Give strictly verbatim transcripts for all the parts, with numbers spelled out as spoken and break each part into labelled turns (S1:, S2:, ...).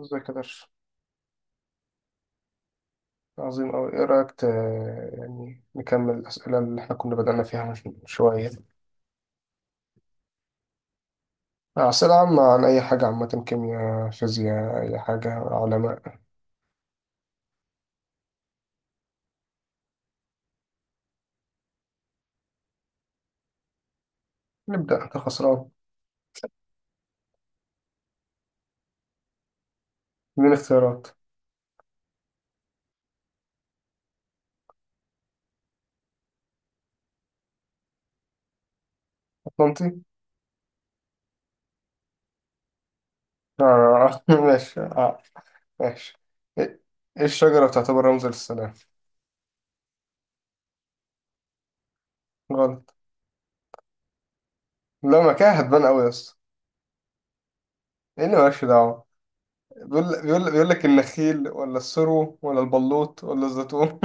S1: ازيك يا درش. عظيم أوي. إيه رأيك ت... يعني نكمل الأسئلة اللي إحنا كنا بدأنا فيها من من شوية. آه، أسئلة عامة عن أي حاجة، عامة، كيمياء، فيزياء، أي حاجة، علماء. نبدأ. أنت خسران. من اختيارات. أطلنطي. آه. ماشي. آه. ماشي. إيه، إيه الشجرة بتعتبر رمز للسلام؟ غلط. لا، ما كده هتبان أوي يا اسطى. إيه اللي مالكش دعوة؟ بيقول بيقول بيقول لك النخيل ولا السرو ولا البلوط ولا الزيتون؟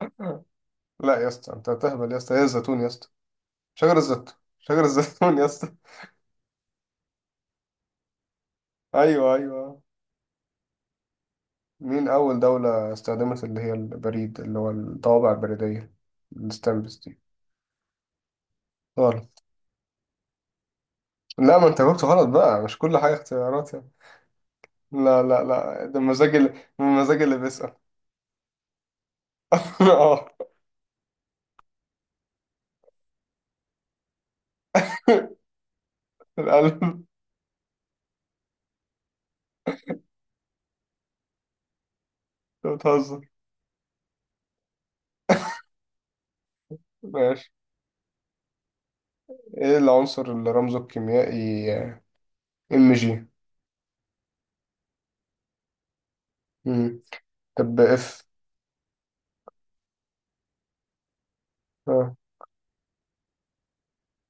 S1: لا يا اسطى، أنت هتهبل يا اسطى. إيه الزيتون يا اسطى. شجر الزيتون. شجر الزيتون يا اسطى. ايوه، ايوه. مين اول دولة استخدمت اللي هي البريد، اللي هو الطوابع البريدية، الستامبس دي؟ غلط. لا، ما انت جاوبت غلط بقى، مش كل حاجة اختيارات يعني. لا لا لا، ده مزاج اللي، مزاج اللي بيسأل. اه. القلب. انت بتهزر. ماشي. ايه العنصر اللي رمزه الكيميائي ام جي؟ مم. طب اف. اه.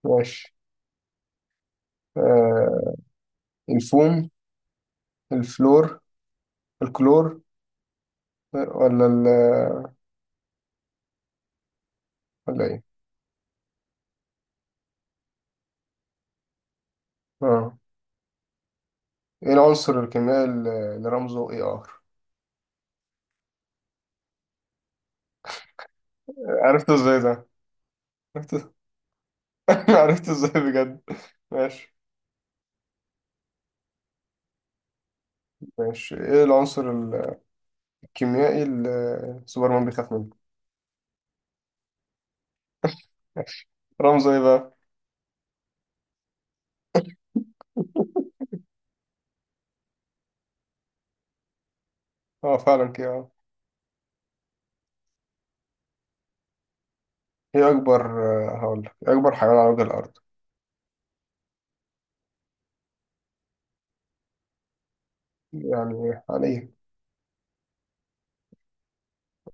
S1: ماشي. آه. الفوم. الفلور. الكلور. آه، ولا ولا ايه؟ اه. ايه العنصر الكيميائي اللي اللي رمزه اي ار؟ عرفته ازاي ده؟ عرفته. عرفته ازاي بجد؟ ماشي. ماشي، ايه العنصر الكيميائي اللي سوبرمان بيخاف منه؟ رمزه ايه بقى؟ اه، فعلا كده، اه. ايه اكبر، آه، هقول لك، إيه اكبر حيوان على وجه الارض؟ يعني حاليا.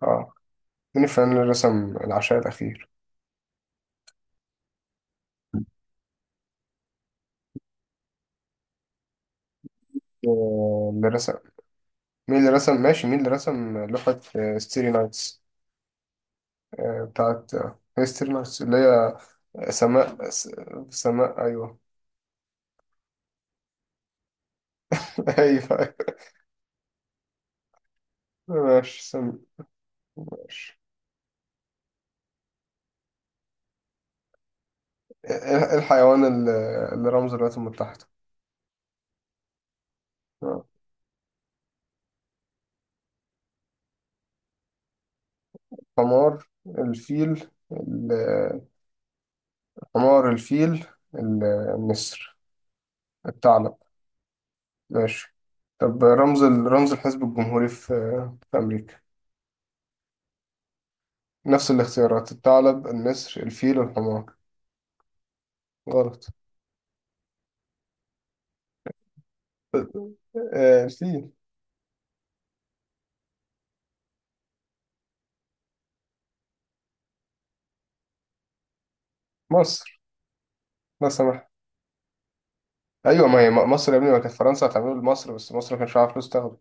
S1: اه. مين الفنان اللي رسم العشاء الاخير؟ آه، اللي رسم. مين اللي رسم، ماشي، مين اللي رسم لوحة آه، ستيري نايتس، آه، بتاعت هيستري نايتس اللي هي سماء س- سماء، أيوه. أيوه. ماشي، سماء. ماشي. إيه، إيه الحيوان اللي اللي رمز الولايات المتحدة؟ آه. حمار، الفيل، ال- حمار الفيل، ال- النسر، الثعلب. ماشي. طب رمز ال- رمز الحزب الجمهوري في في أمريكا. نفس الاختيارات: الثعلب، النسر، الفيل، الحمار. غلط. آه، الفيل. مصر. لا سمح. أيوة، ما هي م- مصر يا ابني، ما كانت فرنسا هتعمله لمصر، بس مصر ما كانش عارف فلوس تاخده.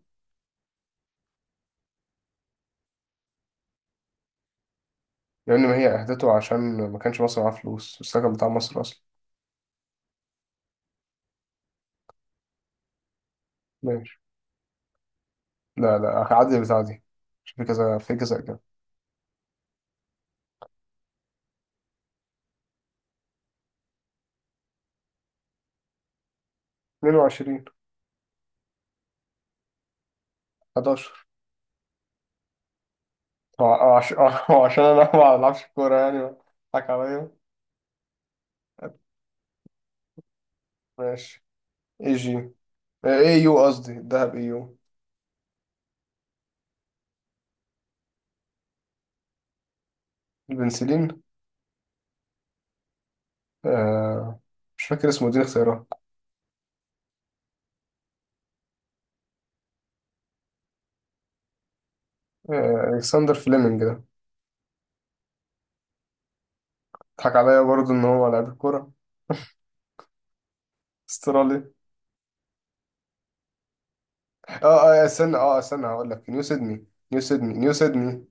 S1: لأن ما هي أهدته عشان ما كانش مصر معاه فلوس، السكن بتاع مصر أصلا. ماشي. لا لا، هعدي البتاع دي عشان في كذا، في كذا كده. اتنين وعشرين. حداشر. هو هو عش- هو عشان أنا ما بلعبش كورة يعني، بضحك عليا. ماشي. اي جي. آه، اي يو، قصدي الذهب اي يو. البنسلين. آه، مش فاكر اسمه، دي اختيارات. آه، الكسندر فليمنج ده. ضحك عليا برضه ان هو لعيب الكوره. استرالي. اه. اه استنى، اه استنى، هقول لك نيو سيدني. نيو سيدني. نيو سيدني.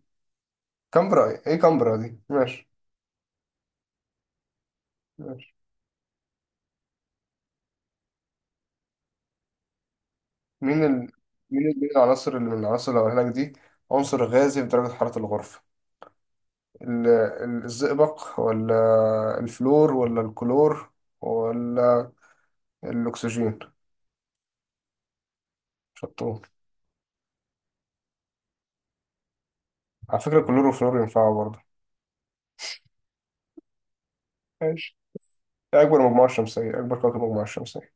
S1: كامبرا؟ ايه، إيه كامبرا دي؟ ماشي. ماشي. مين ال... مين ال- مين العناصر، اللي من العناصر اللي هقولها لك دي عنصر غازي في درجة حرارة الغرفة؟ ال... ال- الزئبق ولا الفلور ولا الكلور، ولا الأكسجين؟ شطور. على فكرة الكلور والفلور ينفعوا برضه. ماشي. إيه أكبر مجموعة شمسية، أكبر كوكب مجموعة شمسية؟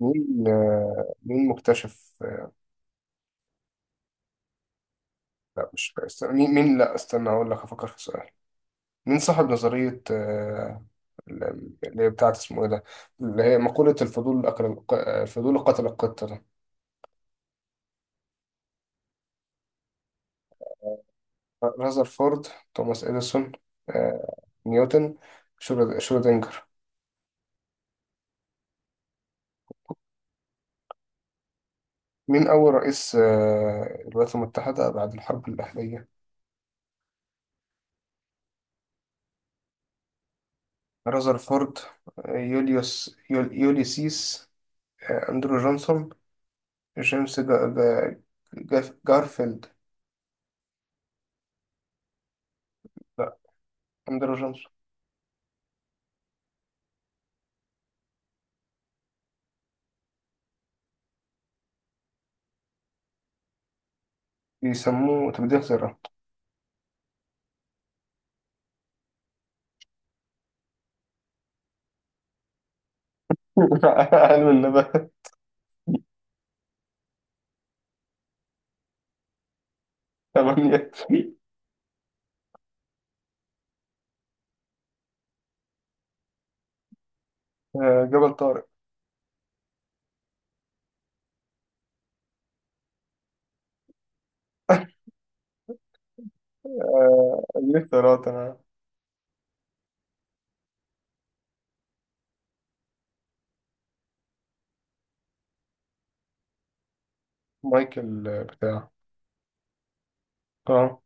S1: مين، آه، مين مكتشف، آه، لا مش، استنى. مين مين لا استنى، هقول لك، أفكر في سؤال. مين صاحب نظرية آه، ال- ال- اللي هي بتاعت اسمه ايه ده، اللي هي مقولة الفضول أكل، آه، الفضول قتل القطة ده؟ رذرفورد، توماس إديسون، آه، نيوتن، شرود- شرودنجر. مين أول رئيس آه، الولايات المتحدة بعد الحرب الأهلية؟ رذرفورد، آه، يوليوس يول- يوليسيس، آه، أندرو جونسون، جيمس جا- جا- جاف- جارفيلد. لا، أندرو جونسون. بيسموه تبديل ذرة. علم النبات. ثمانية. آه، جبل طارق. آه، دي اختيارات أنا. مايكل آه، بتاع. اه.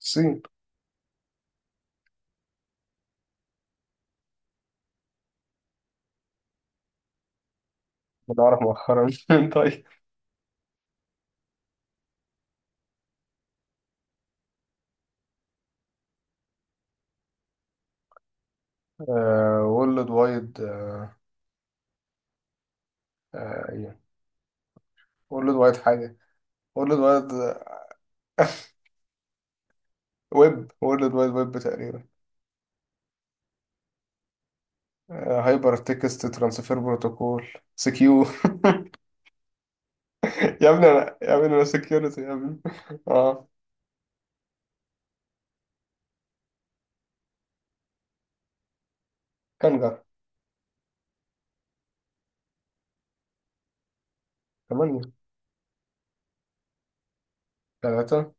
S1: الصين. أنا أعرف مؤخرا. طيب. آه، وورلد وايد آه، آه، إيه، وورلد وايد حاجة. وورلد وايد آه، ويب. وورلد وايد ويب تقريبا. آه، هايبر تكست ترانسفير بروتوكول سكيور. يا ابني أنا، يا ابني أنا سكيورتي يا ابني. اه. كانجر. ثمانية. ثلاثة.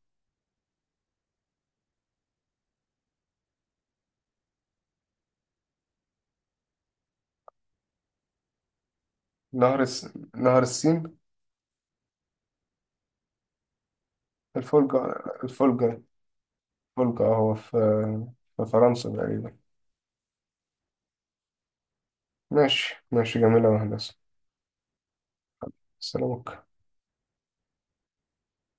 S1: نهر الس... نهر السين. الفولجر، الفولجر. فولكا، هو في آه، في فرنسا تقريبا. ماشي، ماشي، جميلة يا هندسة. سلامك.